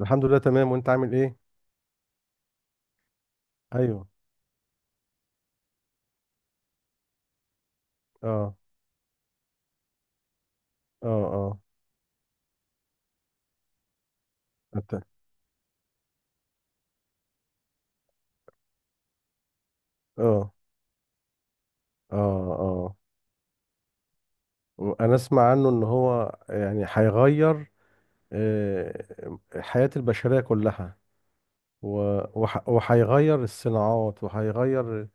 الحمد لله تمام، وانت عامل ايه؟ ايوه. اه. اه. اه. أنت- اه. اه. اه. وانا اسمع عنه ان هو يعني هيغير آه، حياة البشرية كلها. وهيغير الصناعات، وهيغير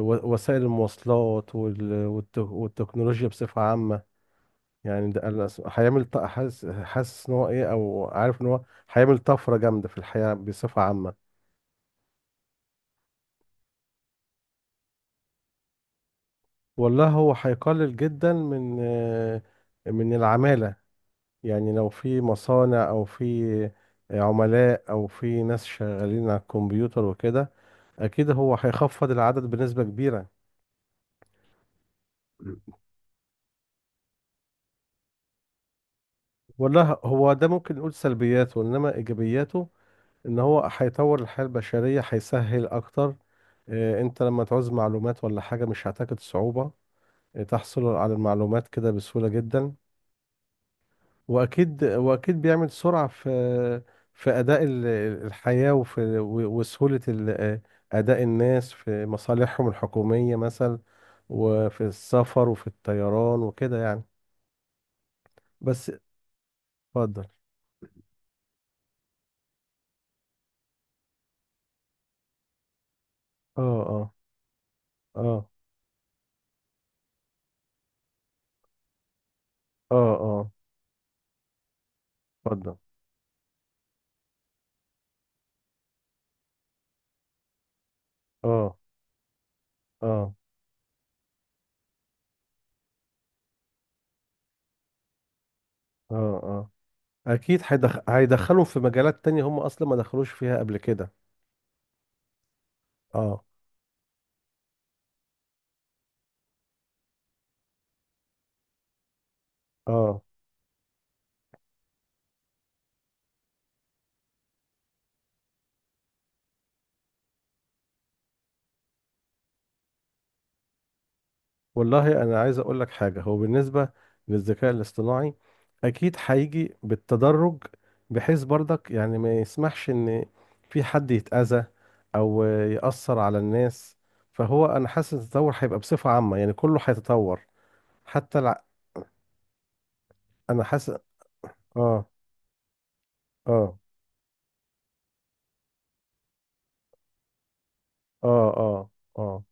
وسائل المواصلات، والتكنولوجيا بصفة عامة. يعني ده أنا هيعمل حاسس ان هو ايه او عارف ان هو هيعمل طفرة جامدة في الحياة بصفة عامة. والله هو هيقلل جدا من العمالة، يعني لو في مصانع أو في عملاء أو في ناس شغالين على الكمبيوتر وكده، أكيد هو هيخفض العدد بنسبة كبيرة. والله، هو ده ممكن نقول سلبياته، إنما إيجابياته إن هو هيطور الحياة البشرية، هيسهل أكتر. أنت لما تعوز معلومات ولا حاجة مش هتجد صعوبة. تحصل على المعلومات كده بسهولة جدا. واكيد بيعمل سرعه في اداء الحياه، وفي وسهوله اداء الناس في مصالحهم الحكوميه مثلا، وفي السفر وفي الطيران وكده يعني. بس. اتفضل. اه. اه. اه. اه. اه. اتفضل. اه. اه. اه. اه. اكيد هيدخلهم في مجالات تانية هم اصلا ما دخلوش فيها قبل كده. اه. اه. والله انا عايز اقول لك حاجه، هو بالنسبه للذكاء الاصطناعي اكيد هيجي بالتدرج، بحيث برضك يعني ما يسمحش ان في حد يتاذى او ياثر على الناس. فهو انا حاسس التطور هيبقى بصفه عامه، يعني كله هيتطور. حتى الع... انا حاسس. اه. اه. اه. اه. اه.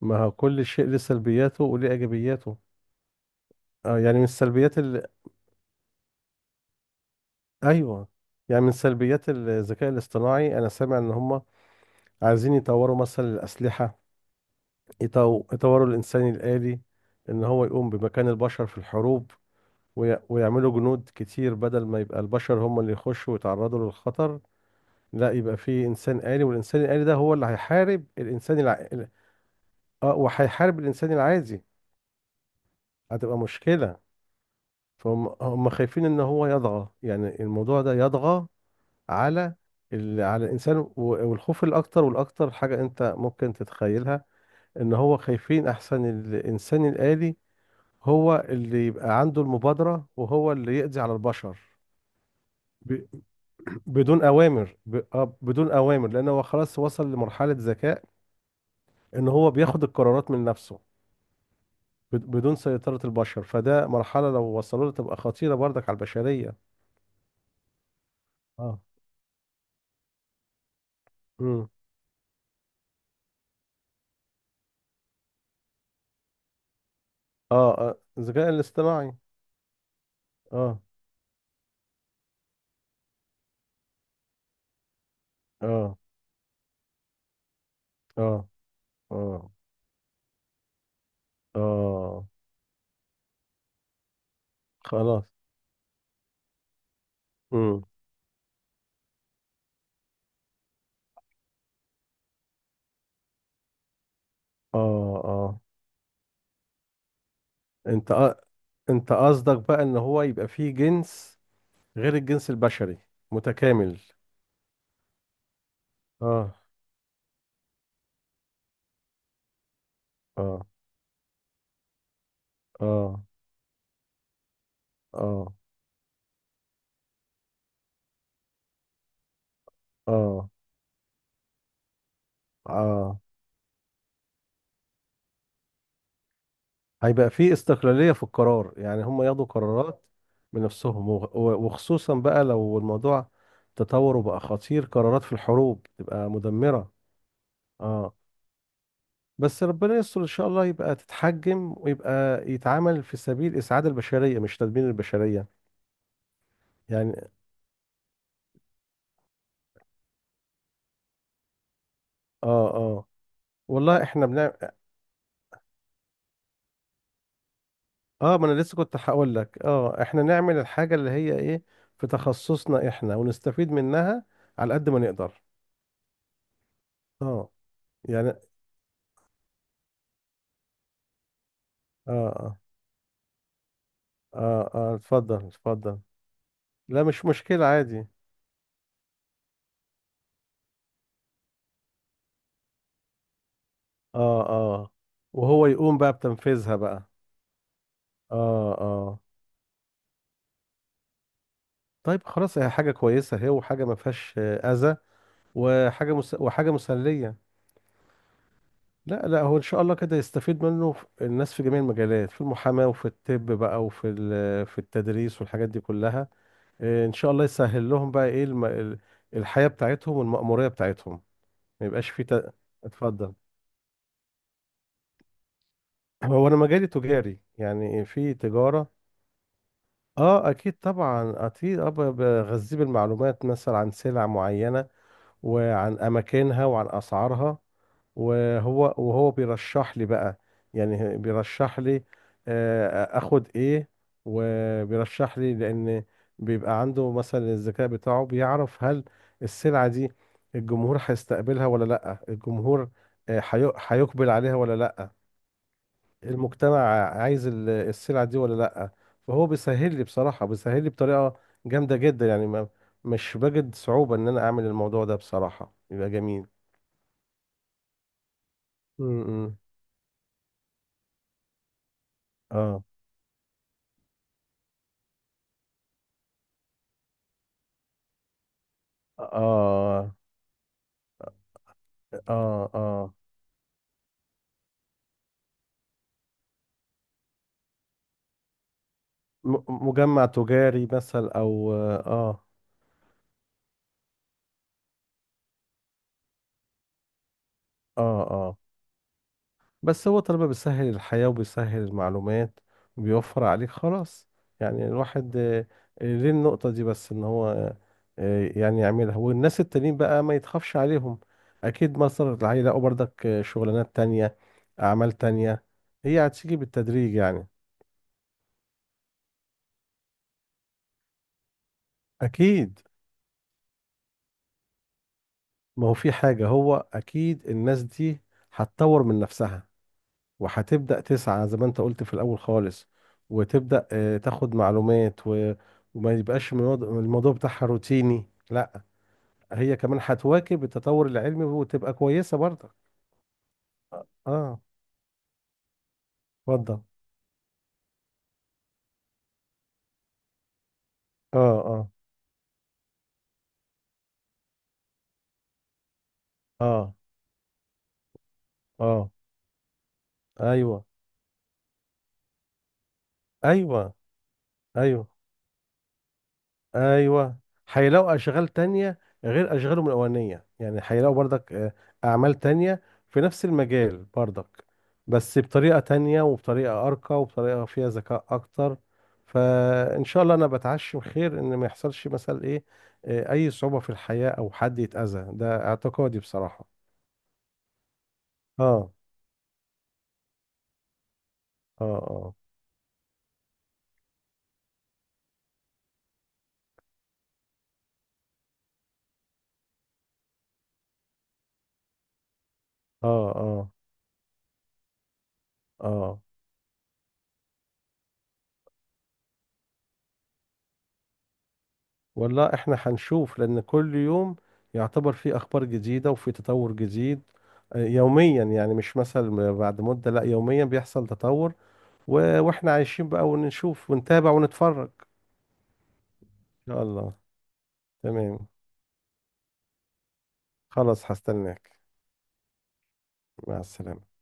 ما هو كل شيء له سلبياته وله ايجابياته. آه يعني من السلبيات. ايوه، يعني من سلبيات الذكاء الاصطناعي انا سامع ان هم عايزين يطوروا مثلا الأسلحة، يطوروا الإنسان الآلي، إن هو يقوم بمكان البشر في الحروب، ويعملوا جنود كتير بدل ما يبقى البشر هم اللي يخشوا ويتعرضوا للخطر. لا، يبقى في إنسان آلي، والإنسان الآلي ده هو اللي هيحارب الإنسان وهيحارب الإنسان العادي. هتبقى مشكلة. فهم خايفين إن هو يطغى، يعني الموضوع ده يطغى على على الإنسان، والخوف الأكتر، والأكتر حاجة أنت ممكن تتخيلها، ان هو خايفين احسن الانسان الآلي هو اللي يبقى عنده المبادرة وهو اللي يقضي على البشر. ب... بدون اوامر ب... آه، بدون اوامر، لان هو خلاص وصل لمرحلة ذكاء ان هو بياخد القرارات من نفسه، بدون سيطرة البشر. فده مرحلة لو وصلوا لها تبقى خطيرة برضك على البشرية. اه. امم. اه. الذكاء الاصطناعي. اه. اه. اه. اه. اه. خلاص. امم. اه. اه. انت آه، انت قصدك بقى ان هو يبقى فيه جنس غير الجنس البشري، متكامل. اه. اه. اه. اه. اه. اه. هيبقى فيه استقلالية في القرار، يعني هم ياخدوا قرارات بنفسهم، وخصوصا بقى لو الموضوع تطور وبقى خطير، قرارات في الحروب تبقى مدمرة. اه. بس ربنا يستر، ان شاء الله يبقى تتحجم ويبقى يتعامل في سبيل اسعاد البشرية، مش تدمير البشرية. يعني. اه. اه. والله احنا بنعمل. اه، ما انا لسه كنت هقول لك احنا نعمل الحاجة اللي هي ايه، في تخصصنا احنا، ونستفيد منها على قد ما نقدر. اه. يعني. اه. اه. اه. اه. اتفضل. اتفضل. لا، مش مشكلة، عادي. اه. اه. وهو يقوم بقى بتنفيذها بقى. اه. اه. طيب خلاص، هي حاجة كويسة اهي، وحاجة ما فيهاش أذى، وحاجة مسلية. لا، لا، هو إن شاء الله كده يستفيد منه الناس في جميع المجالات، في المحاماة وفي الطب بقى، وفي ال... في التدريس والحاجات دي كلها. إيه، ان شاء الله يسهل لهم بقى ايه الحياة بتاعتهم والمأمورية بتاعتهم. ما يبقاش في اتفضل. هو انا مجالي تجاري، يعني في تجارة. اه، اكيد طبعا، اكيد. اه بغذيه بالمعلومات مثلا عن سلع معينة، وعن أماكنها وعن أسعارها، وهو بيرشح لي بقى. يعني بيرشح لي اخد ايه، وبيرشح لي لان بيبقى عنده مثلا الذكاء بتاعه، بيعرف هل السلعة دي الجمهور هيستقبلها ولا لا. الجمهور هيقبل عليها ولا لا. المجتمع عايز السلعة دي ولا لأ. فهو بيسهل لي بصراحة، بيسهل لي بطريقة جامدة جدا يعني، ما، مش بجد صعوبة إن أنا أعمل الموضوع ده، بصراحة يبقى جميل. امم. اه. اه. اه. اه. مجمع تجاري مثلا، أو اه. اه. آه. بس هو طالما بيسهل الحياة وبيسهل المعلومات وبيوفر عليك، خلاص، يعني الواحد ليه النقطة دي، بس ان هو يعني يعملها، والناس التانيين بقى ما يتخافش عليهم. اكيد. مصر هيلاقوا برضك شغلانات تانية، اعمال تانية، هي هتيجي بالتدريج يعني. اكيد. ما هو في حاجة، هو اكيد الناس دي هتطور من نفسها، وهتبدأ تسعى زي ما انت قلت في الأول خالص، وتبدأ تاخد معلومات وما يبقاش الموضوع بتاعها روتيني. لا، هي كمان هتواكب التطور العلمي وتبقى كويسة برضه. اه. آه، اتفضل. اه. اه. اه. اه. ايوه. ايوه. ايوه. ايوه. هيلاقوا اشغال تانية غير اشغالهم الاولانيه يعني، هيلاقوا برضك اعمال تانية في نفس المجال برضك، بس بطريقه تانية، وبطريقه ارقى، وبطريقه فيها ذكاء اكتر. فان شاء الله انا بتعشم خير، ان ما يحصلش مثلا ايه اي صعوبه في الحياه، او حد يتاذى، ده اعتقادي بصراحه. اه. اه. اه. اه. اه. اه. والله احنا هنشوف، لان كل يوم يعتبر فيه اخبار جديدة وفي تطور جديد. يوميا يعني، مش مثلا بعد مدة، لا يوميا بيحصل تطور. واحنا عايشين بقى، ونشوف ونتابع ونتفرج. ان شاء الله. تمام. خلاص، هستناك. مع السلامة.